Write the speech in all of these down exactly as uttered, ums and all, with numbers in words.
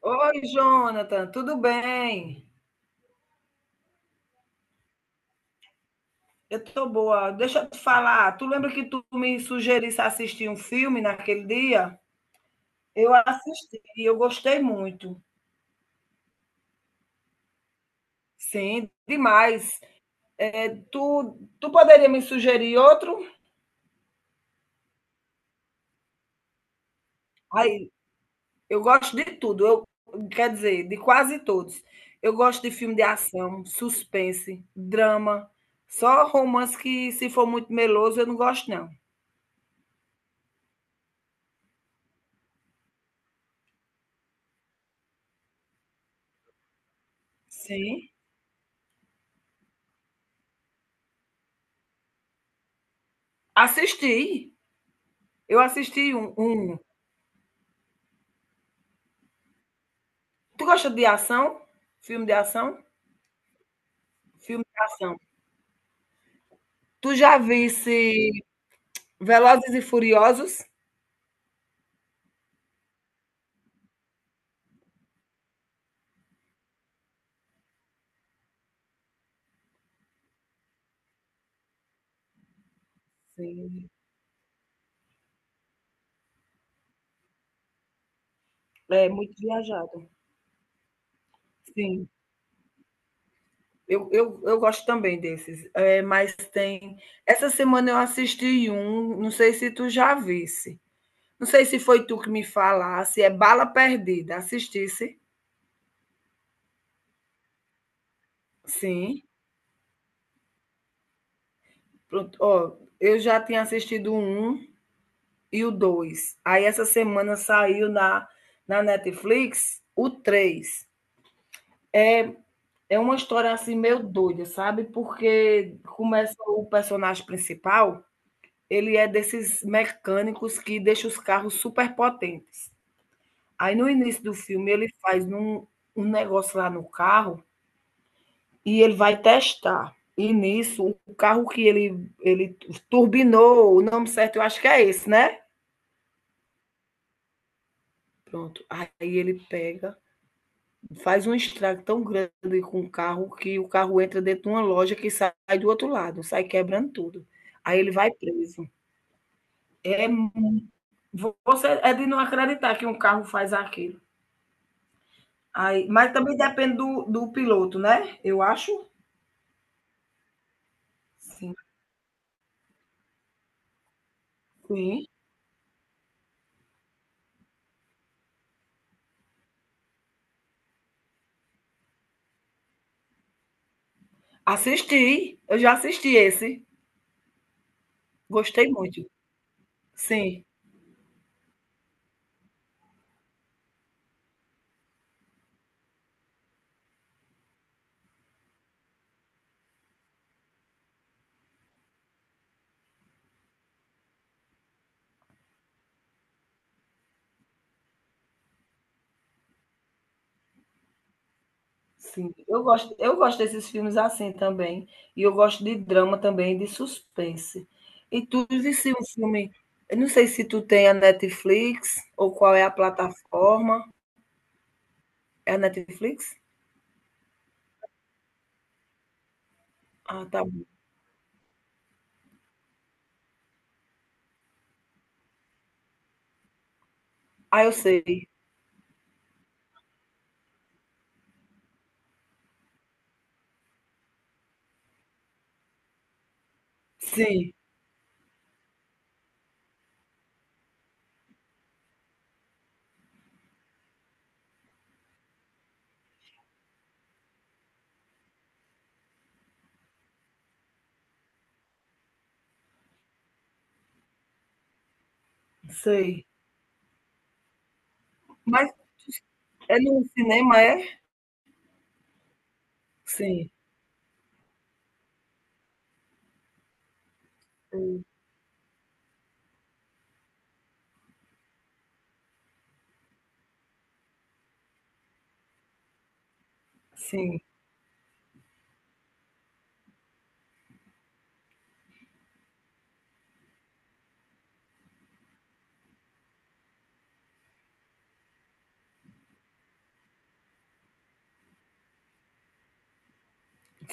Oi, Jonathan, tudo bem? Eu tô boa. Deixa eu te falar, tu lembra que tu me sugerisse assistir um filme naquele dia? Eu assisti e eu gostei muito. Sim, demais. É, Tu, tu poderia me sugerir outro? Aí, eu gosto de tudo, eu, quer dizer, de quase todos. Eu gosto de filme de ação, suspense, drama, só romance que se for muito meloso eu não gosto não. Sim. Assisti. Eu assisti um, um Tu gosta de ação? Filme de ação? Filme de ação. Tu já visse Velozes e Furiosos? Sim. É muito viajado. Sim. Eu, eu, eu gosto também desses. É, mas tem. Essa semana eu assisti um, não sei se tu já visse. Não sei se foi tu que me falasse, é Bala Perdida. Assistisse? Sim. Pronto. Ó, eu já tinha assistido o um e o dois. Aí essa semana saiu na, na Netflix o três. É uma história assim meio doida, sabe? Porque começa o personagem principal, ele é desses mecânicos que deixa os carros super potentes. Aí no início do filme ele faz um, um negócio lá no carro e ele vai testar. E nisso, o carro que ele, ele turbinou, o nome certo eu acho que é esse, né? Pronto. Aí ele pega. Faz um estrago tão grande com o carro que o carro entra dentro de uma loja que sai do outro lado, sai quebrando tudo. Aí ele vai preso. É, você é de não acreditar que um carro faz aquilo. Aí, mas também depende do, do piloto, né? Eu acho. Sim. Sim. Assisti, eu já assisti esse. Gostei muito. Sim. Sim, eu gosto, eu gosto desses filmes assim também. E eu gosto de drama também, de suspense. E tudo isso é um filme. Eu não sei se tu tem a Netflix ou qual é a plataforma. É a Netflix? Ah, tá bom. Ah, eu sei. Sim, sei. Mas é no cinema, é? Sim, sim,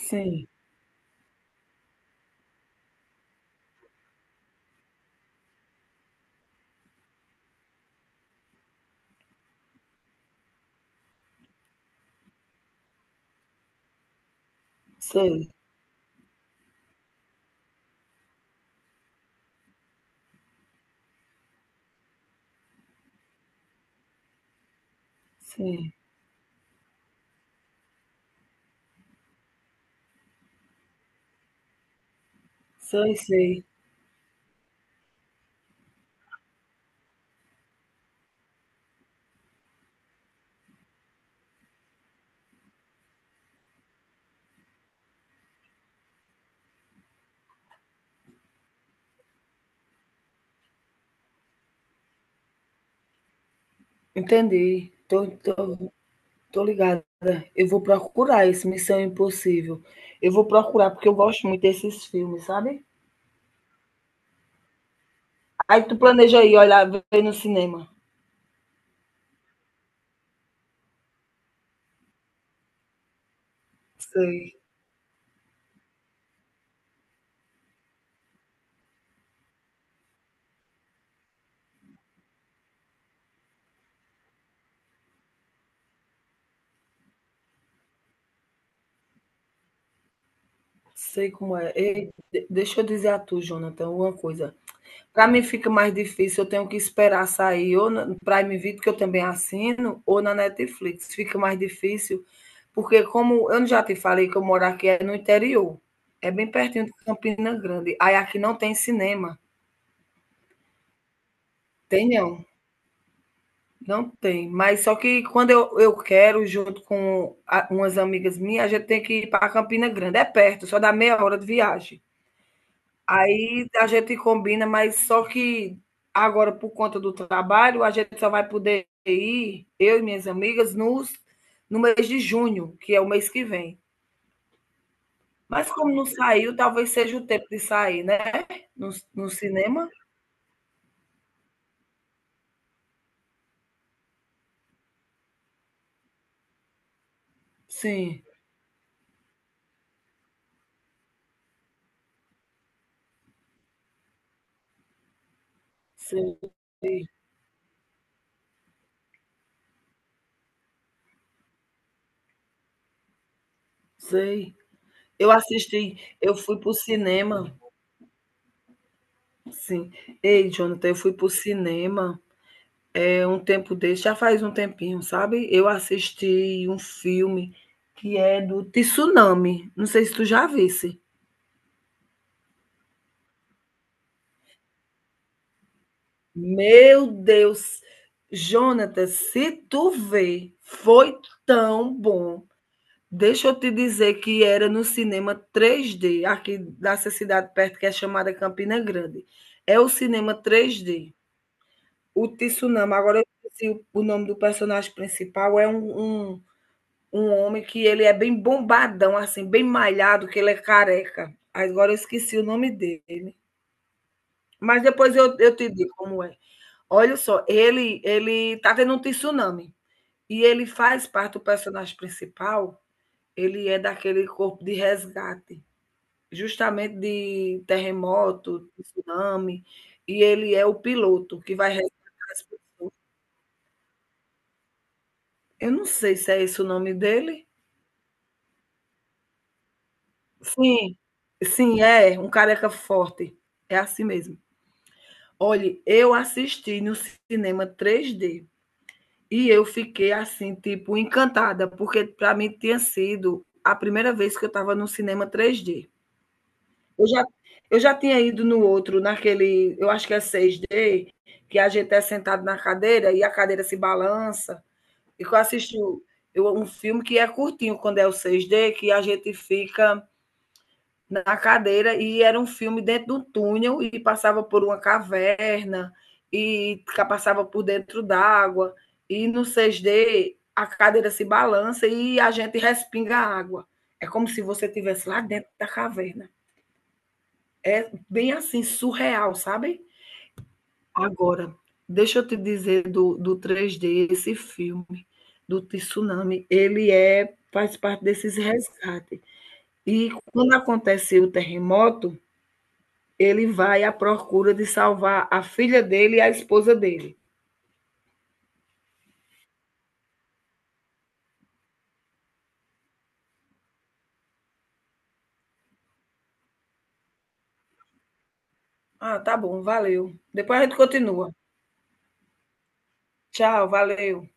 sim. Sei, sim. Sei, sei. Entendi. Tô, tô Tô ligada. Eu vou procurar esse Missão Impossível. Eu vou procurar, porque eu gosto muito desses filmes, sabe? Aí tu planeja aí, olha, ver no cinema. Sei, sei como é. Ei, de- deixa eu dizer a tu, Jonathan, uma coisa. Para mim fica mais difícil, eu tenho que esperar sair ou no Prime Video, que eu também assino, ou na Netflix. Fica mais difícil, porque como eu já te falei que eu moro aqui é no interior, é bem pertinho de Campina Grande. Aí aqui não tem cinema. Tem não. Não tem, mas só que quando eu, eu quero, junto com a- umas amigas minhas, a gente tem que ir para Campina Grande. É perto, só dá meia hora de viagem. Aí a gente combina, mas só que agora, por conta do trabalho, a gente só vai poder ir, eu e minhas amigas, nos, no mês de junho, que é o mês que vem. Mas como não saiu, talvez seja o tempo de sair, né? No, no cinema? Sim, sei, sei. Eu assisti, eu fui para o cinema. Sim. Ei, Jonathan, eu fui pro cinema, é um tempo desse, já faz um tempinho, sabe? Eu assisti um filme que é do Tsunami, não sei se tu já visse. Meu Deus! Jonathan, se tu vê, foi tão bom. Deixa eu te dizer que era no cinema três D, aqui dessa cidade perto que é chamada Campina Grande. É o cinema três D. O Tsunami, agora eu esqueci o o nome do personagem principal, é um um um homem que ele é bem bombadão, assim, bem malhado, que ele é careca. Agora eu esqueci o nome dele. Mas depois eu, eu te digo como é. Olha só, ele ele tá tendo um tsunami. E ele faz parte do personagem principal, ele é daquele corpo de resgate, justamente de terremoto, tsunami, e ele é o piloto que vai resgatar as pessoas. Eu não sei se é esse o nome dele. Sim, sim, é, um careca forte. É assim mesmo. Olhe, eu assisti no cinema três D e eu fiquei assim, tipo, encantada, porque para mim tinha sido a primeira vez que eu estava no cinema três D. Eu já, eu já tinha ido no outro, naquele, eu acho que é seis D, que a gente é sentado na cadeira e a cadeira se balança. E que eu assisti o- eu- um filme que é curtinho quando é o seis D, que a gente fica na cadeira e era um filme dentro de um túnel e passava por uma caverna e passava por dentro d'água e no seis D a cadeira se balança e a gente respinga a água. É como se você estivesse lá dentro da caverna. É bem assim, surreal, sabe? Agora, deixa eu te dizer do, do três D, esse filme do tsunami, ele é faz parte desses resgates. E quando acontece o terremoto, ele vai à procura de salvar a filha dele e a esposa dele. Ah, tá bom, valeu. Depois a gente continua. Tchau, valeu.